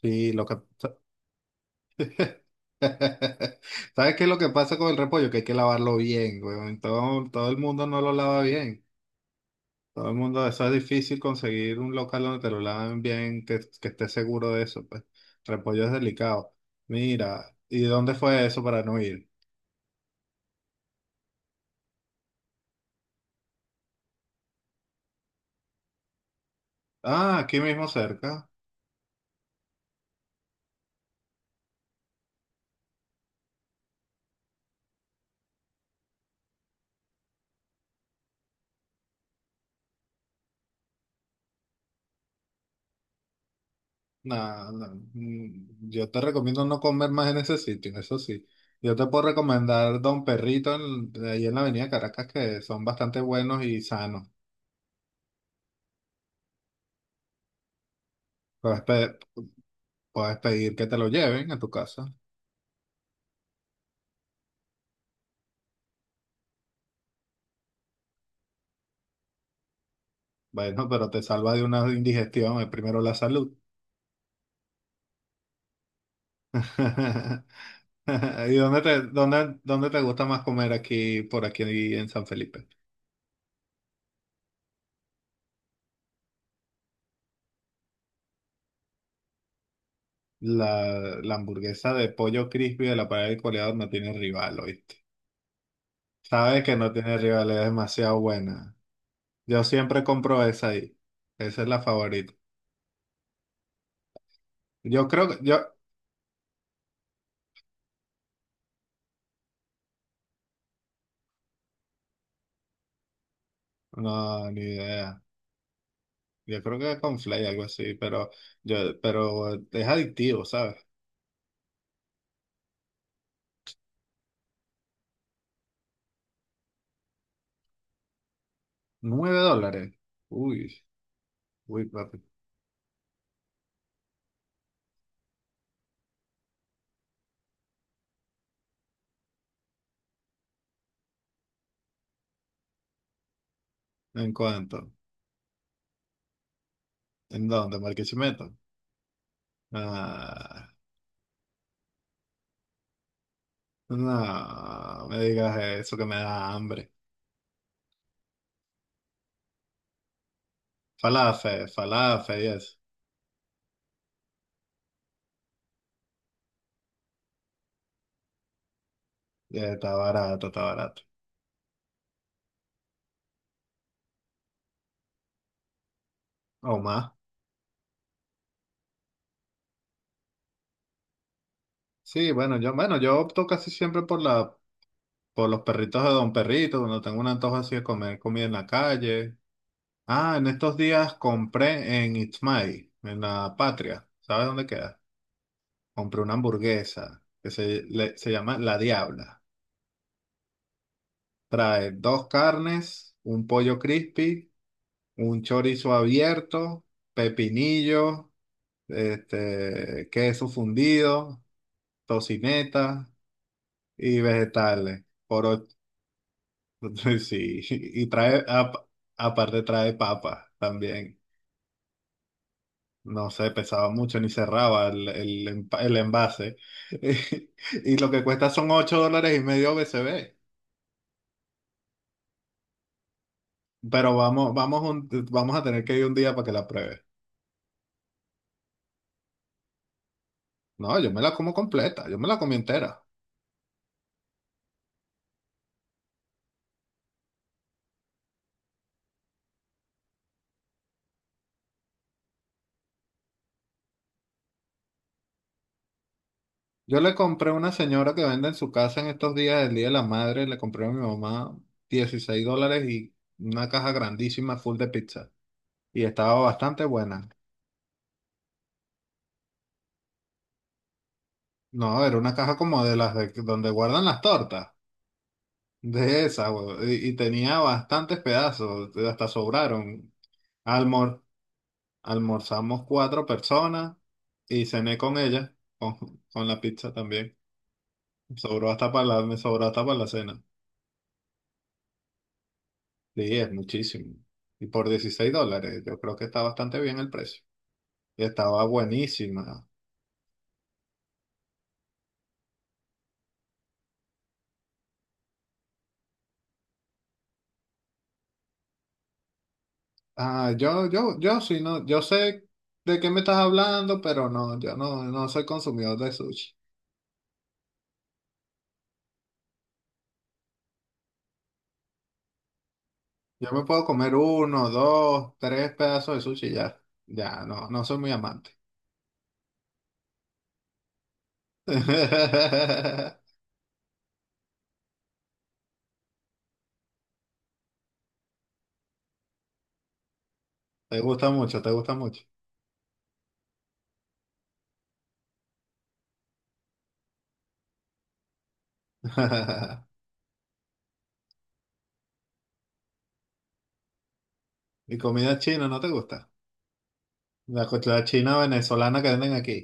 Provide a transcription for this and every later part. Sí, lo que ¿Sabes qué es lo que pasa con el repollo? Que hay que lavarlo bien, weón. Todo el mundo no lo lava bien. Todo el mundo, eso es difícil conseguir un local donde te lo laven bien, que estés seguro de eso, pues. Repollo es delicado. Mira, ¿y dónde fue eso para no ir? Ah, aquí mismo cerca. Nah, nah. Yo te recomiendo no comer más en ese sitio, eso sí. Yo te puedo recomendar Don Perrito ahí en la Avenida Caracas, que son bastante buenos y sanos. Puedes, pe- puedes pedir que te lo lleven a tu casa. Bueno, pero te salva de una indigestión, primero la salud. ¿Y dónde te gusta más comer aquí, por aquí en San Felipe? La hamburguesa de pollo crispy de la parada del Coleador no tiene rival, ¿oíste? Sabes que no tiene rival, es demasiado buena. Yo siempre compro esa ahí. Esa es la favorita. Yo creo que, yo, no, ni idea. Yo creo que es con Flay, algo así, pero yo, pero es adictivo, ¿sabes? 9 dólares. Uy, uy, papi. ¿En cuánto? ¿En dónde? ¿Marquisimeto? Ah, no, me digas eso que me da hambre. Falafel, falafel, y eso. Y está barato, está barato. O más. Sí, bueno, yo, bueno, yo opto casi siempre por la, por los perritos de Don Perrito, cuando tengo un antojo así de comer comida en la calle. Ah, en estos días compré en Itzmay, en la Patria. ¿Sabes dónde queda? Compré una hamburguesa que se llama La Diabla. Trae dos carnes, un pollo crispy, un chorizo abierto, pepinillo, este, queso fundido, tocineta y vegetales. Por och- sí, y trae, aparte trae papa también. No sé, pesaba mucho ni cerraba el envase. Y lo que cuesta son 8,5 dólares BCB. Pero vamos, vamos, un- vamos a tener que ir un día para que la pruebe. No, yo me la como completa, yo me la comí entera. Yo le compré a una señora que vende en su casa en estos días del Día de la Madre, le compré a mi mamá 16 dólares y una caja grandísima full de pizza. Y estaba bastante buena. No, era una caja como de las de donde guardan las tortas, de esa, güey, y tenía bastantes pedazos, hasta sobraron. Almor, almorzamos cuatro personas y cené con ella, con la pizza también. Sobró hasta para la, me sobró hasta para la cena. Sí, es muchísimo. Y por 16 dólares, yo creo que está bastante bien el precio. Y estaba buenísima. Ah, yo sí, no, yo sé de qué me estás hablando, pero no, yo no soy consumidor de sushi. Yo me puedo comer uno, dos, tres pedazos de sushi y ya. Ya, no, no soy muy amante. Te gusta mucho, te gusta mucho. ¿Y comida china no te gusta? La, china venezolana que venden aquí.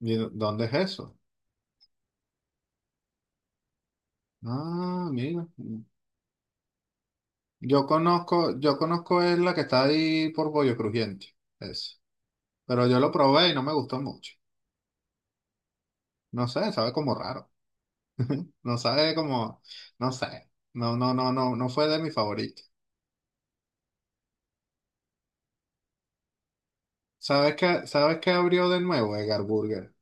¿Y dónde es eso? Ah, mira. Yo conozco es la que está ahí por Pollo Crujiente, eso. Pero yo lo probé y no me gustó mucho. No sé, sabe como raro. No sabe como, no sé. No, no, no, no, no fue de mi favorito. Sabes qué abrió de nuevo Edgar Burger?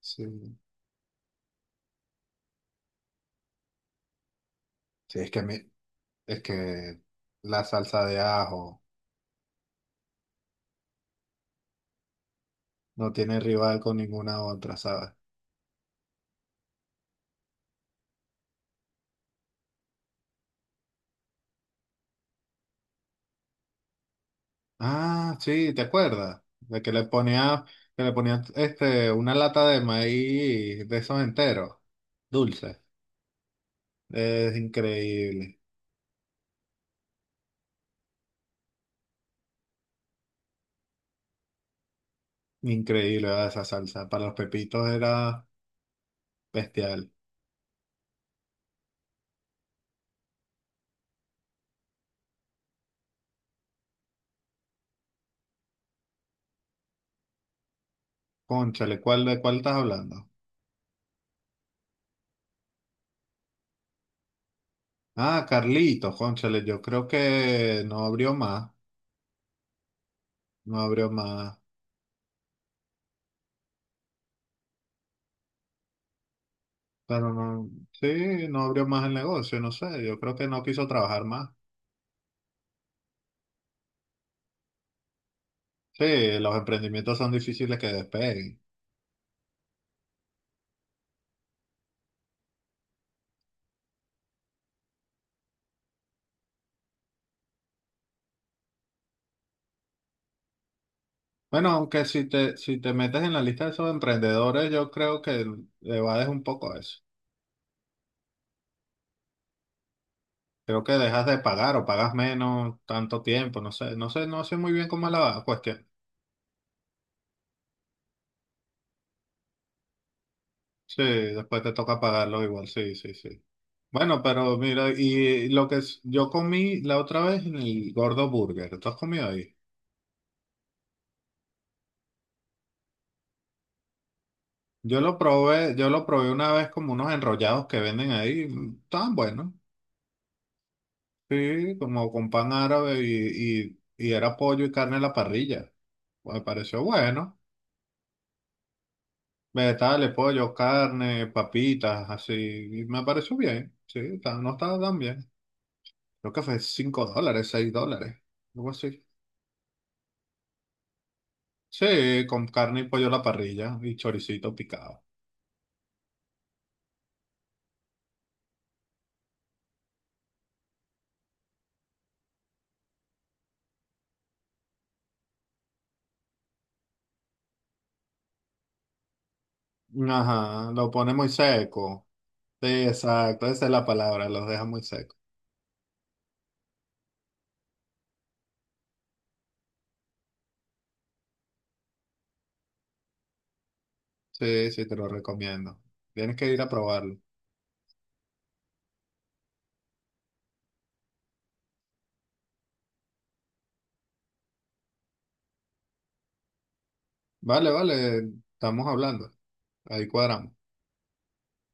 Sí. Sí, es que la salsa de ajo no tiene rival con ninguna otra, ¿sabes? Ah, sí, ¿te acuerdas? De que le ponía este, una lata de maíz de esos enteros, dulce. Es increíble, increíble, ¿verdad? Esa salsa. Para los pepitos era bestial. Cónchale, ¿de cuál estás hablando? Ah, Carlitos, cónchale, yo creo que no abrió más, no abrió más, pero no, sí, no abrió más el negocio, no sé, yo creo que no quiso trabajar más. Sí, los emprendimientos son difíciles que despeguen. Bueno, aunque si te, si te metes en la lista de esos emprendedores, yo creo que evades un poco eso. Creo que dejas de pagar o pagas menos tanto tiempo, no sé, no sé, no sé muy bien cómo es la cuestión. Sí, después te toca pagarlo igual, sí, sí, sí. Bueno, pero mira, y lo que es- yo comí la otra vez en el Gordo Burger, ¿tú has comido ahí? Yo lo probé una vez como unos enrollados que venden ahí, estaban buenos, sí, como con pan árabe y era pollo y carne a la parrilla. Me pareció bueno. Vegetales, pollo, carne, papitas, así. Y me pareció bien, sí, no estaba tan bien. Creo que fue 5 dólares, 6 dólares, algo así. Sí, con carne y pollo a la parrilla y choricito picado. Ajá, lo pone muy seco. Sí, exacto, esa es la palabra, los deja muy seco. Sí, sí, te lo recomiendo. Tienes que ir a probarlo. Vale, vale, estamos hablando. Ahí cuadramos.